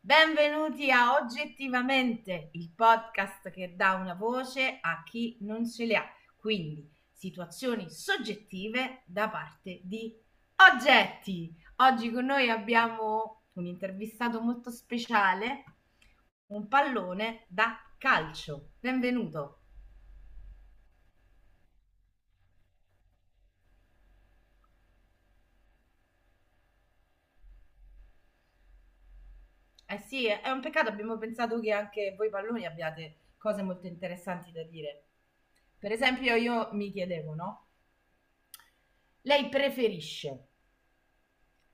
Benvenuti a Oggettivamente, il podcast che dà una voce a chi non ce le ha. Quindi situazioni soggettive da parte di oggetti. Oggi con noi abbiamo un intervistato molto speciale, un pallone da calcio. Benvenuto. Eh sì, è un peccato, abbiamo pensato che anche voi palloni abbiate cose molto interessanti da dire. Per esempio, io mi chiedevo, no? Lei preferisce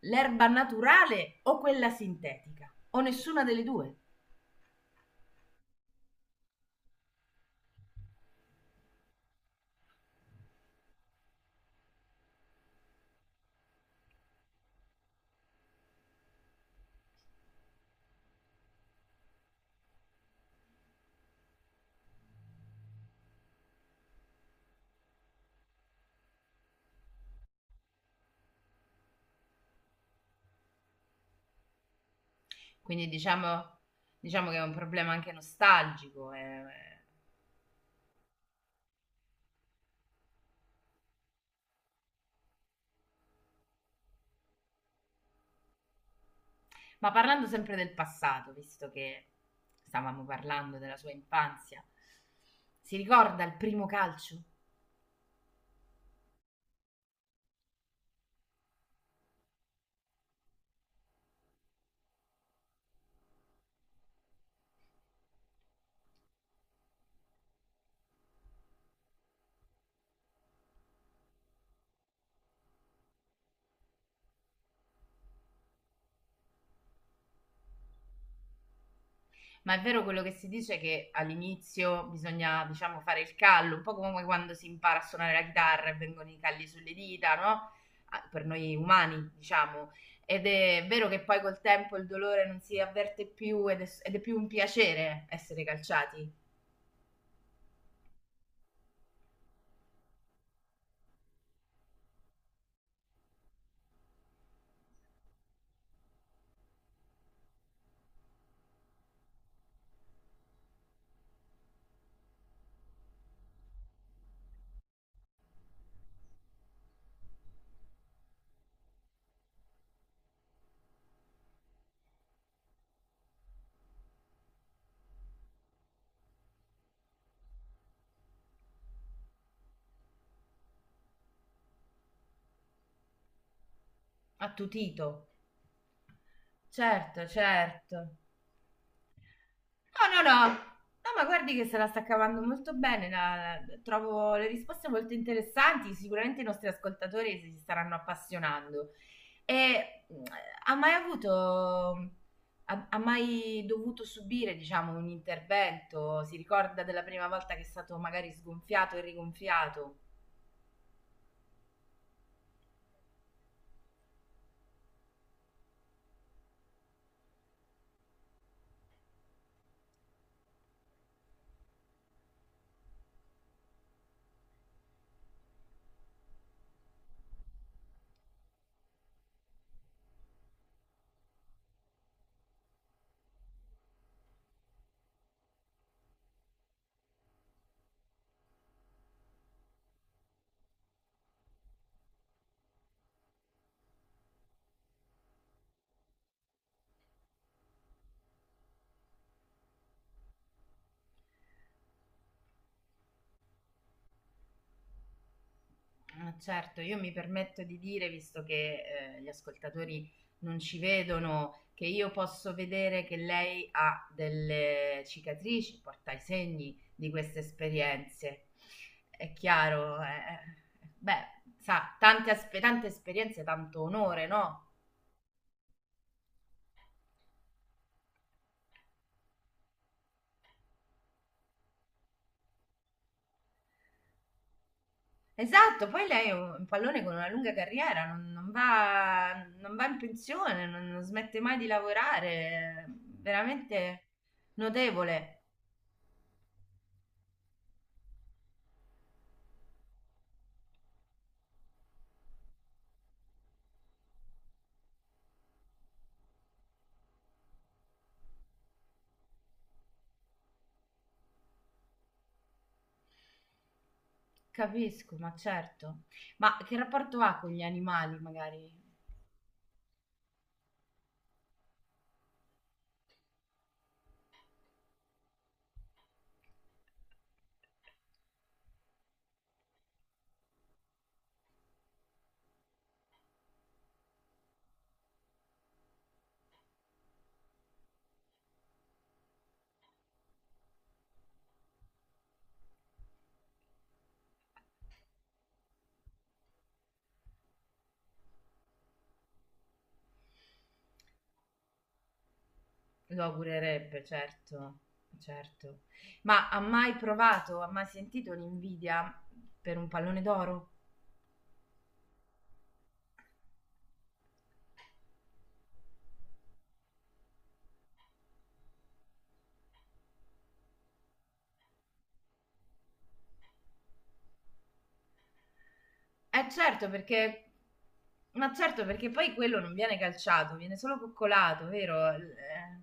l'erba naturale o quella sintetica, o nessuna delle due. Quindi diciamo che è un problema anche nostalgico, eh. Ma parlando sempre del passato, visto che stavamo parlando della sua infanzia, si ricorda il primo calcio? Ma è vero quello che si dice che all'inizio bisogna, diciamo, fare il callo, un po' come quando si impara a suonare la chitarra e vengono i calli sulle dita, no? Ah, per noi umani, diciamo. Ed è vero che poi col tempo il dolore non si avverte più ed è più un piacere essere calciati. Attutito. Certo, certo. No, no, no. No, ma guardi che se la sta cavando molto bene, trovo le risposte molto interessanti, sicuramente i nostri ascoltatori si staranno appassionando. E ha mai avuto, ha mai dovuto subire, diciamo, un intervento? Si ricorda della prima volta che è stato magari sgonfiato e rigonfiato? Ah, certo, io mi permetto di dire, visto che gli ascoltatori non ci vedono, che io posso vedere che lei ha delle cicatrici, porta i segni di queste esperienze. È chiaro, beh, sa, tante, tante esperienze, tanto onore, no? Esatto, poi lei è un pallone con una lunga carriera, non, non va in pensione, non smette mai di lavorare, è veramente notevole. Capisco, ma certo. Ma che rapporto ha con gli animali, magari? Lo augurerebbe, certo, certo. Ma ha mai provato, ha mai sentito l'invidia per un pallone d'oro? Eh certo, perché... Ma certo, perché poi quello non viene calciato, viene solo coccolato, vero?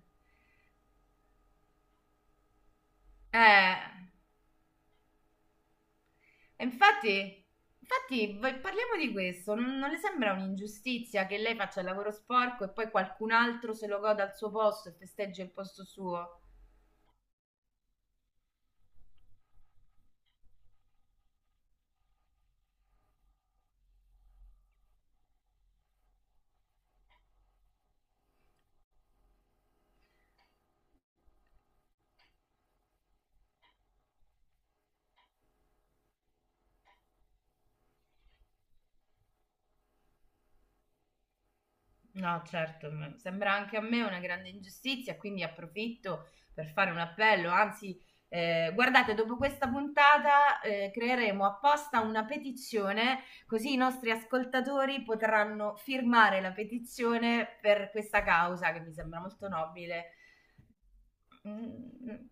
eh. E infatti, infatti, parliamo di questo. Non, non le sembra un'ingiustizia che lei faccia il lavoro sporco e poi qualcun altro se lo goda al suo posto e festeggia il posto suo? No, certo, sembra anche a me una grande ingiustizia, quindi approfitto per fare un appello. Anzi, guardate, dopo questa puntata, creeremo apposta una petizione, così i nostri ascoltatori potranno firmare la petizione per questa causa che mi sembra molto nobile. Mm,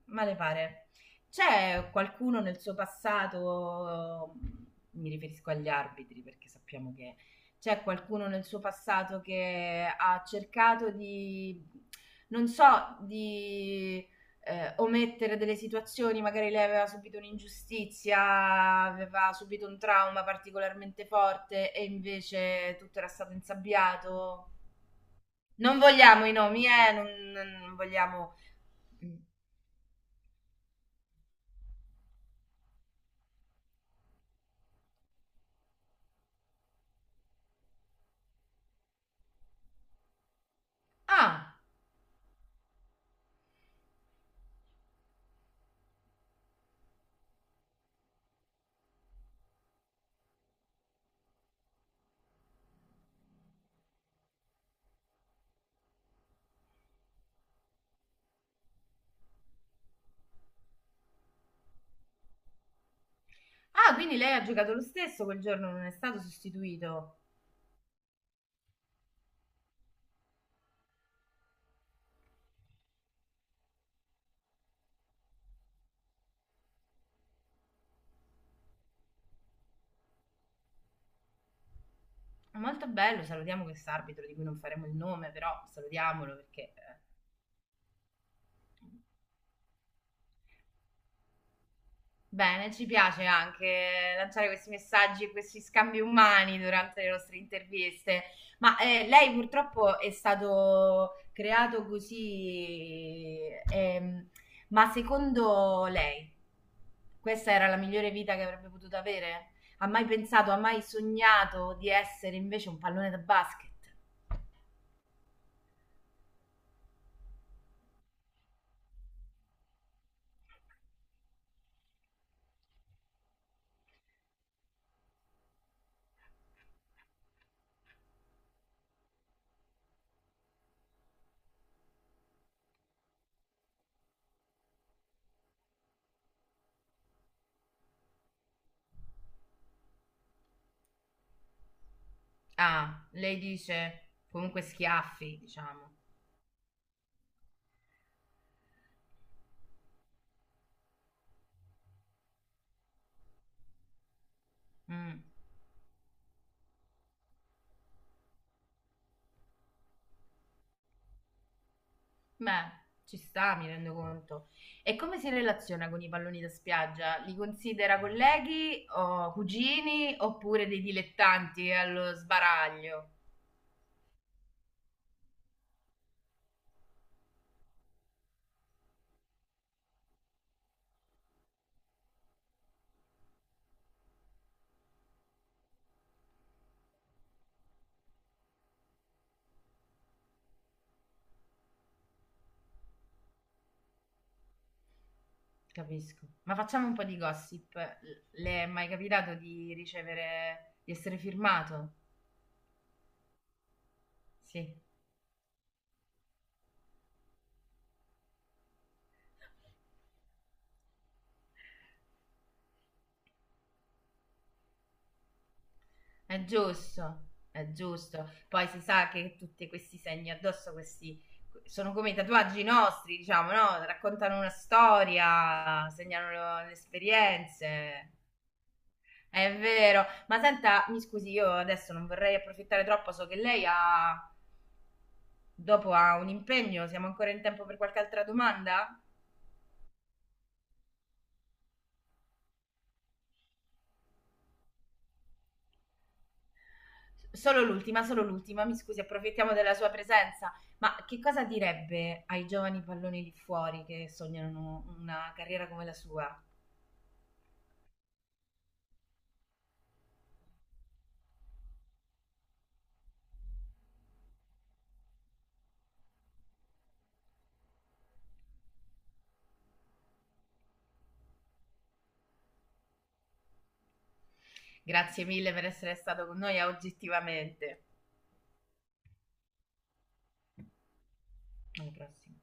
male pare. C'è qualcuno nel suo passato, mm, mi riferisco agli arbitri perché sappiamo che c'è qualcuno nel suo passato che ha cercato di, non so, di omettere delle situazioni, magari lei aveva subito un'ingiustizia, aveva subito un trauma particolarmente forte e invece tutto era stato insabbiato. Non vogliamo i nomi, non, non vogliamo... Mm. Ah, ah, quindi lei ha giocato lo stesso quel giorno, non è stato sostituito. Molto bello, salutiamo questo arbitro di cui non faremo il nome, però salutiamolo perché bene, ci piace anche lanciare questi messaggi e questi scambi umani durante le nostre interviste, ma lei purtroppo è stato creato così, ehm, ma secondo lei questa era la migliore vita che avrebbe potuto avere? Ha mai pensato, ha mai sognato di essere invece un pallone da basket? Ah, lei dice comunque schiaffi, diciamo. Mm. Beh, ci sta, mi rendo conto. E come si relaziona con i palloni da spiaggia? Li considera colleghi o cugini oppure dei dilettanti allo sbaraglio? Capisco. Ma facciamo un po' di gossip. Le è mai capitato di ricevere, di essere firmato? Sì. È giusto, è giusto. Poi si sa che tutti questi segni addosso, questi sono come i tatuaggi nostri, diciamo, no? Raccontano una storia, segnano le esperienze. È vero. Ma senta, mi scusi, io adesso non vorrei approfittare troppo, so che lei ha, dopo ha un impegno, siamo ancora in tempo per qualche altra domanda? Solo l'ultima, mi scusi, approfittiamo della sua presenza, ma che cosa direbbe ai giovani palloni lì fuori che sognano una carriera come la sua? Grazie mille per essere stato con noi a Oggettivamente. Alla prossima.